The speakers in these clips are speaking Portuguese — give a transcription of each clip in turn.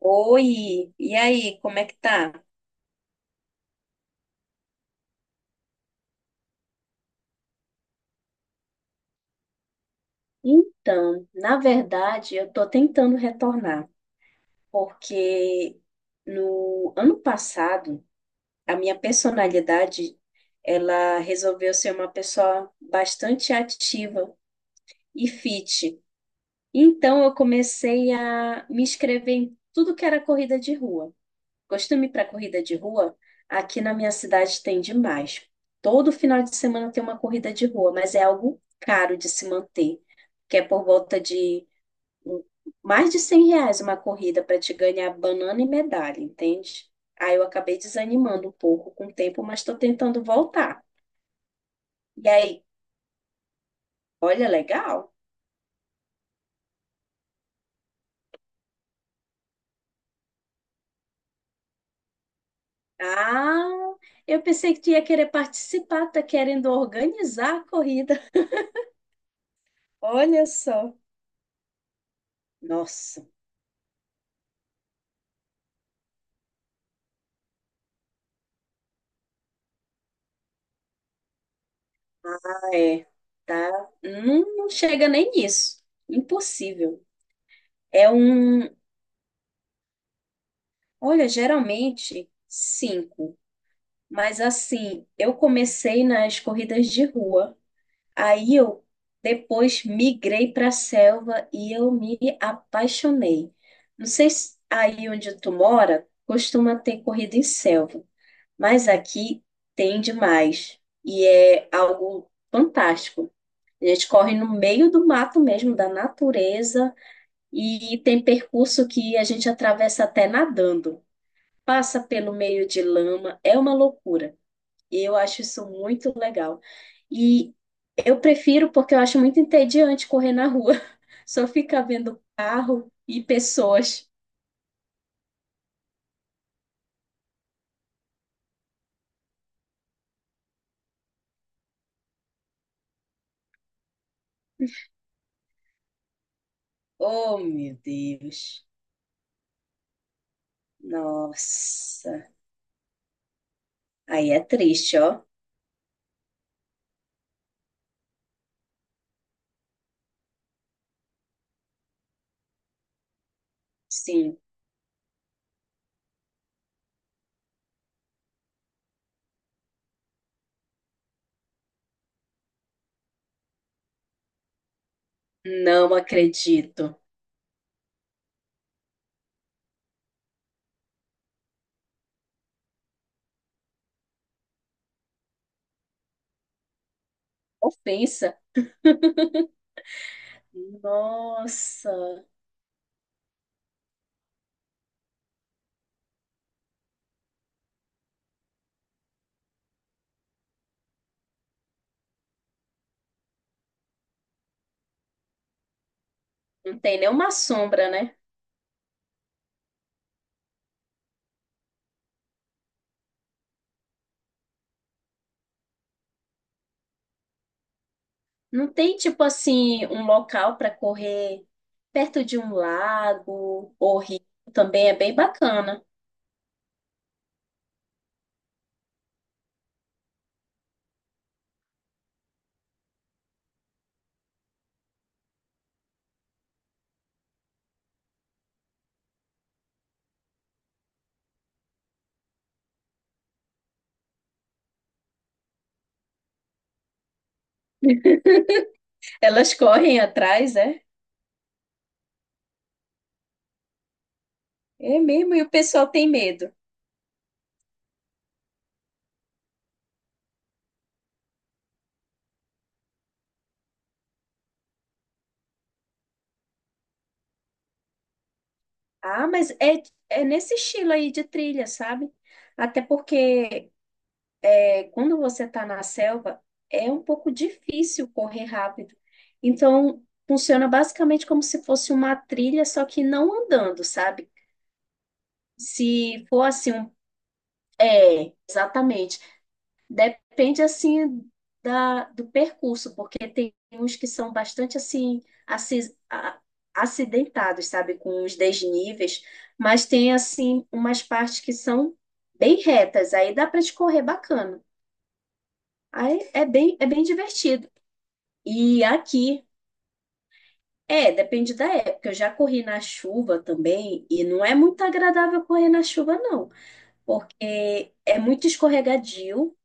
Oi, e aí, como é que tá? Então, na verdade, eu estou tentando retornar, porque no ano passado, a minha personalidade, ela resolveu ser uma pessoa bastante ativa e fit. Então, eu comecei a me inscrever em tudo que era corrida de rua. Costume para corrida de rua, aqui na minha cidade tem demais. Todo final de semana tem uma corrida de rua, mas é algo caro de se manter, que é por volta de hum, mais de 100 reais uma corrida para te ganhar banana e medalha, entende? Aí eu acabei desanimando um pouco com o tempo, mas estou tentando voltar. E aí, olha, legal. Ah, eu pensei que tu ia querer participar, tá querendo organizar a corrida. Olha só. Nossa. É, tá? Não, não chega nem nisso. Impossível. É um. Olha, geralmente cinco. Mas assim, eu comecei nas corridas de rua. Aí eu depois migrei para a selva e eu me apaixonei. Não sei se aí onde tu mora costuma ter corrida em selva, mas aqui tem demais. E é algo fantástico. A gente corre no meio do mato mesmo, da natureza, e tem percurso que a gente atravessa até nadando. Passa pelo meio de lama, é uma loucura. E eu acho isso muito legal. E eu prefiro porque eu acho muito entediante correr na rua. Só ficar vendo carro e pessoas. Oh, meu Deus. Nossa. Aí é triste, ó. Sim, não acredito. Ofensa. Nossa. Não tem nenhuma sombra, né? Não tem, tipo assim, um local para correr perto de um lago ou rio. Também é bem bacana. Elas correm atrás, é? É mesmo, e o pessoal tem medo. Ah, mas é, é nesse estilo aí de trilha, sabe? Até porque é, quando você está na selva, é um pouco difícil correr rápido. Então, funciona basicamente como se fosse uma trilha, só que não andando, sabe? Se for assim um... É, exatamente. Depende assim do percurso, porque tem uns que são bastante assim aci- a- acidentados, sabe, com os desníveis, mas tem assim umas partes que são bem retas, aí dá para escorrer bacana. Aí é bem divertido. E aqui é, depende da época. Eu já corri na chuva também e não é muito agradável correr na chuva, não, porque é muito escorregadio.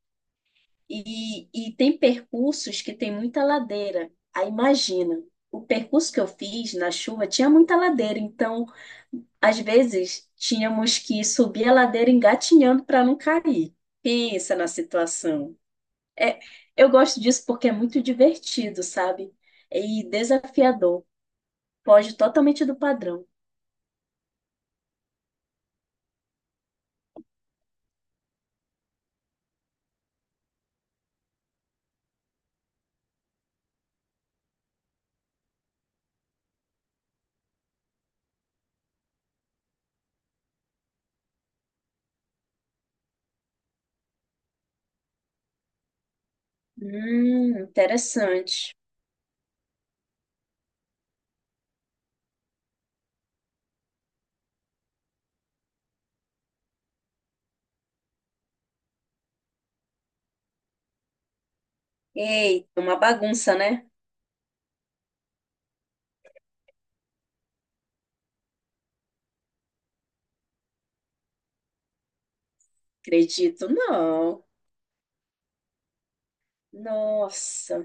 E tem percursos que tem muita ladeira. Aí imagina, o percurso que eu fiz na chuva tinha muita ladeira, então às vezes tínhamos que subir a ladeira engatinhando para não cair. Pensa na situação. É, eu gosto disso porque é muito divertido, sabe? E desafiador. Foge totalmente do padrão. Interessante. Ei, uma bagunça, né? Acredito. Não. Nossa,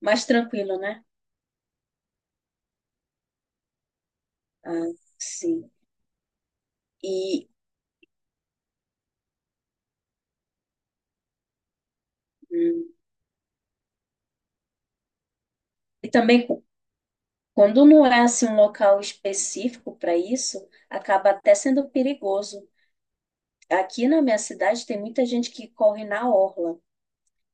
mais tranquilo, né? Ah, sim. E, hum, e também, quando não é assim um local específico para isso, acaba até sendo perigoso. Aqui na minha cidade tem muita gente que corre na orla.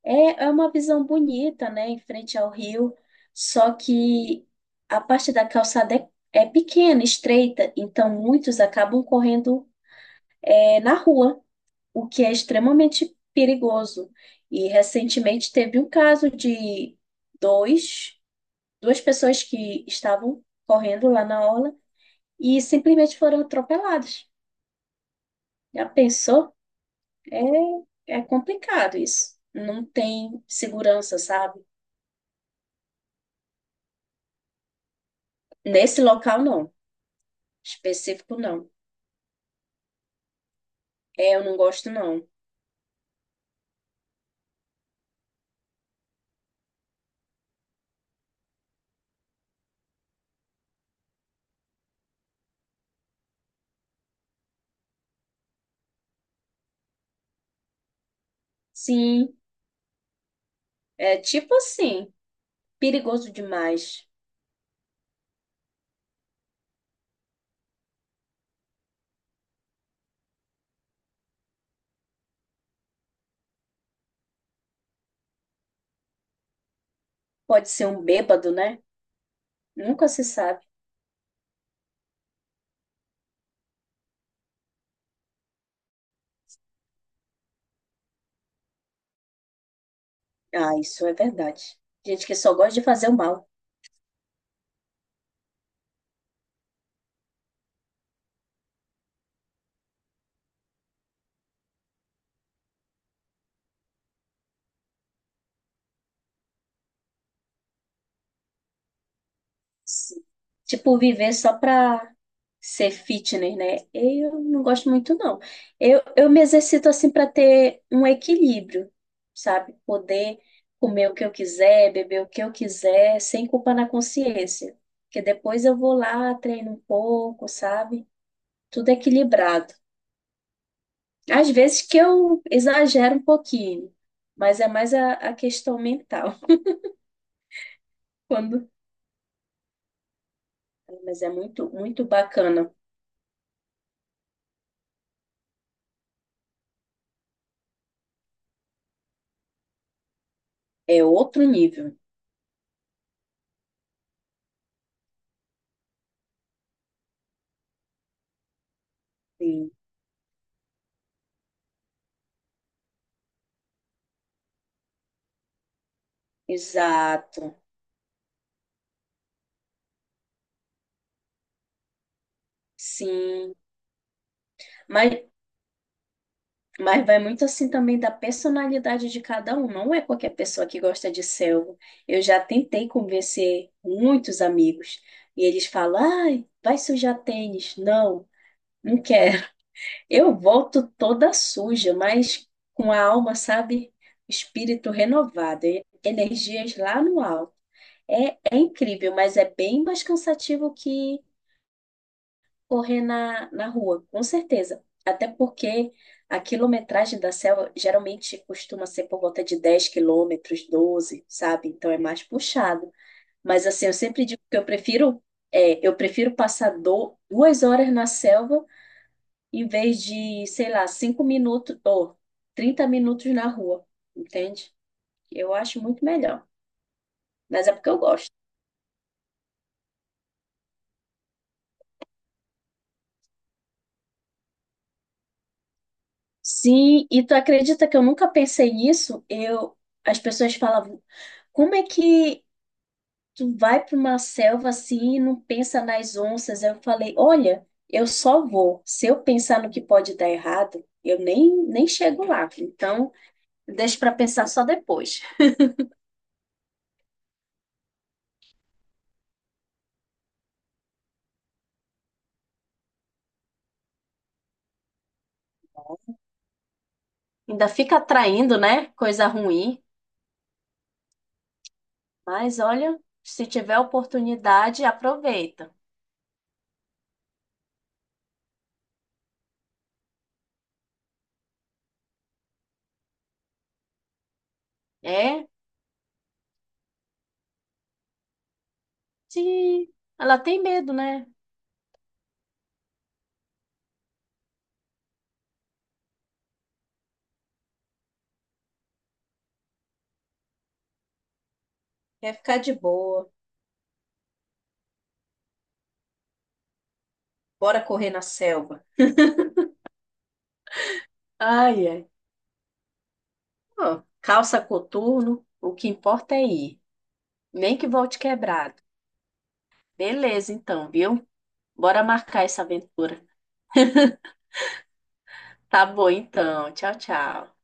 É, é uma visão bonita, né, em frente ao rio, só que a parte da calçada é pequena, estreita, então muitos acabam correndo é, na rua, o que é extremamente perigoso. E recentemente teve um caso de dois duas pessoas que estavam correndo lá na orla e simplesmente foram atropeladas. Já pensou? é, complicado isso. Não tem segurança, sabe? Nesse local, não. Específico, não. É, eu não gosto, não. Sim, é tipo assim, perigoso demais. Pode ser um bêbado, né? Nunca se sabe. Ah, isso é verdade. Gente que só gosta de fazer o mal. Sim. Tipo, viver só pra ser fitness, né? Eu não gosto muito, não. Eu me exercito assim pra ter um equilíbrio, sabe? Poder comer o que eu quiser, beber o que eu quiser, sem culpa na consciência. Porque depois eu vou lá, treino um pouco, sabe? Tudo equilibrado. Às vezes que eu exagero um pouquinho, mas é mais a questão mental. Quando... Mas é muito, muito bacana. É outro nível. Exato, sim. Mas, mas vai muito assim também da personalidade de cada um. Não é qualquer pessoa que gosta de selva. Eu já tentei convencer muitos amigos e eles falam: ai, vai sujar tênis. Não, não quero. Eu volto toda suja, mas com a alma, sabe? Espírito renovado, energias lá no alto. É, é incrível, mas é bem mais cansativo que correr na rua, com certeza. Até porque a quilometragem da selva geralmente costuma ser por volta de 10 quilômetros, 12, sabe? Então é mais puxado. Mas assim, eu sempre digo que eu prefiro passar 2 horas na selva em vez de, sei lá, 5 minutos ou 30 minutos na rua, entende? Eu acho muito melhor. Mas é porque eu gosto. Sim, e tu acredita que eu nunca pensei nisso? As pessoas falavam, como é que tu vai para uma selva assim e não pensa nas onças. Aí eu falei, olha, eu só vou. Se eu pensar no que pode dar errado, eu nem chego lá. Então, deixa para pensar só depois. Ainda fica atraindo, né? Coisa ruim. Mas olha, se tiver oportunidade, aproveita. É, se ela tem medo, né? Quer ficar de boa. Bora correr na selva. Ai, ai. Ó, calça coturno, o que importa é ir. Nem que volte quebrado. Beleza, então, viu? Bora marcar essa aventura. Tá bom, então. Tchau, tchau.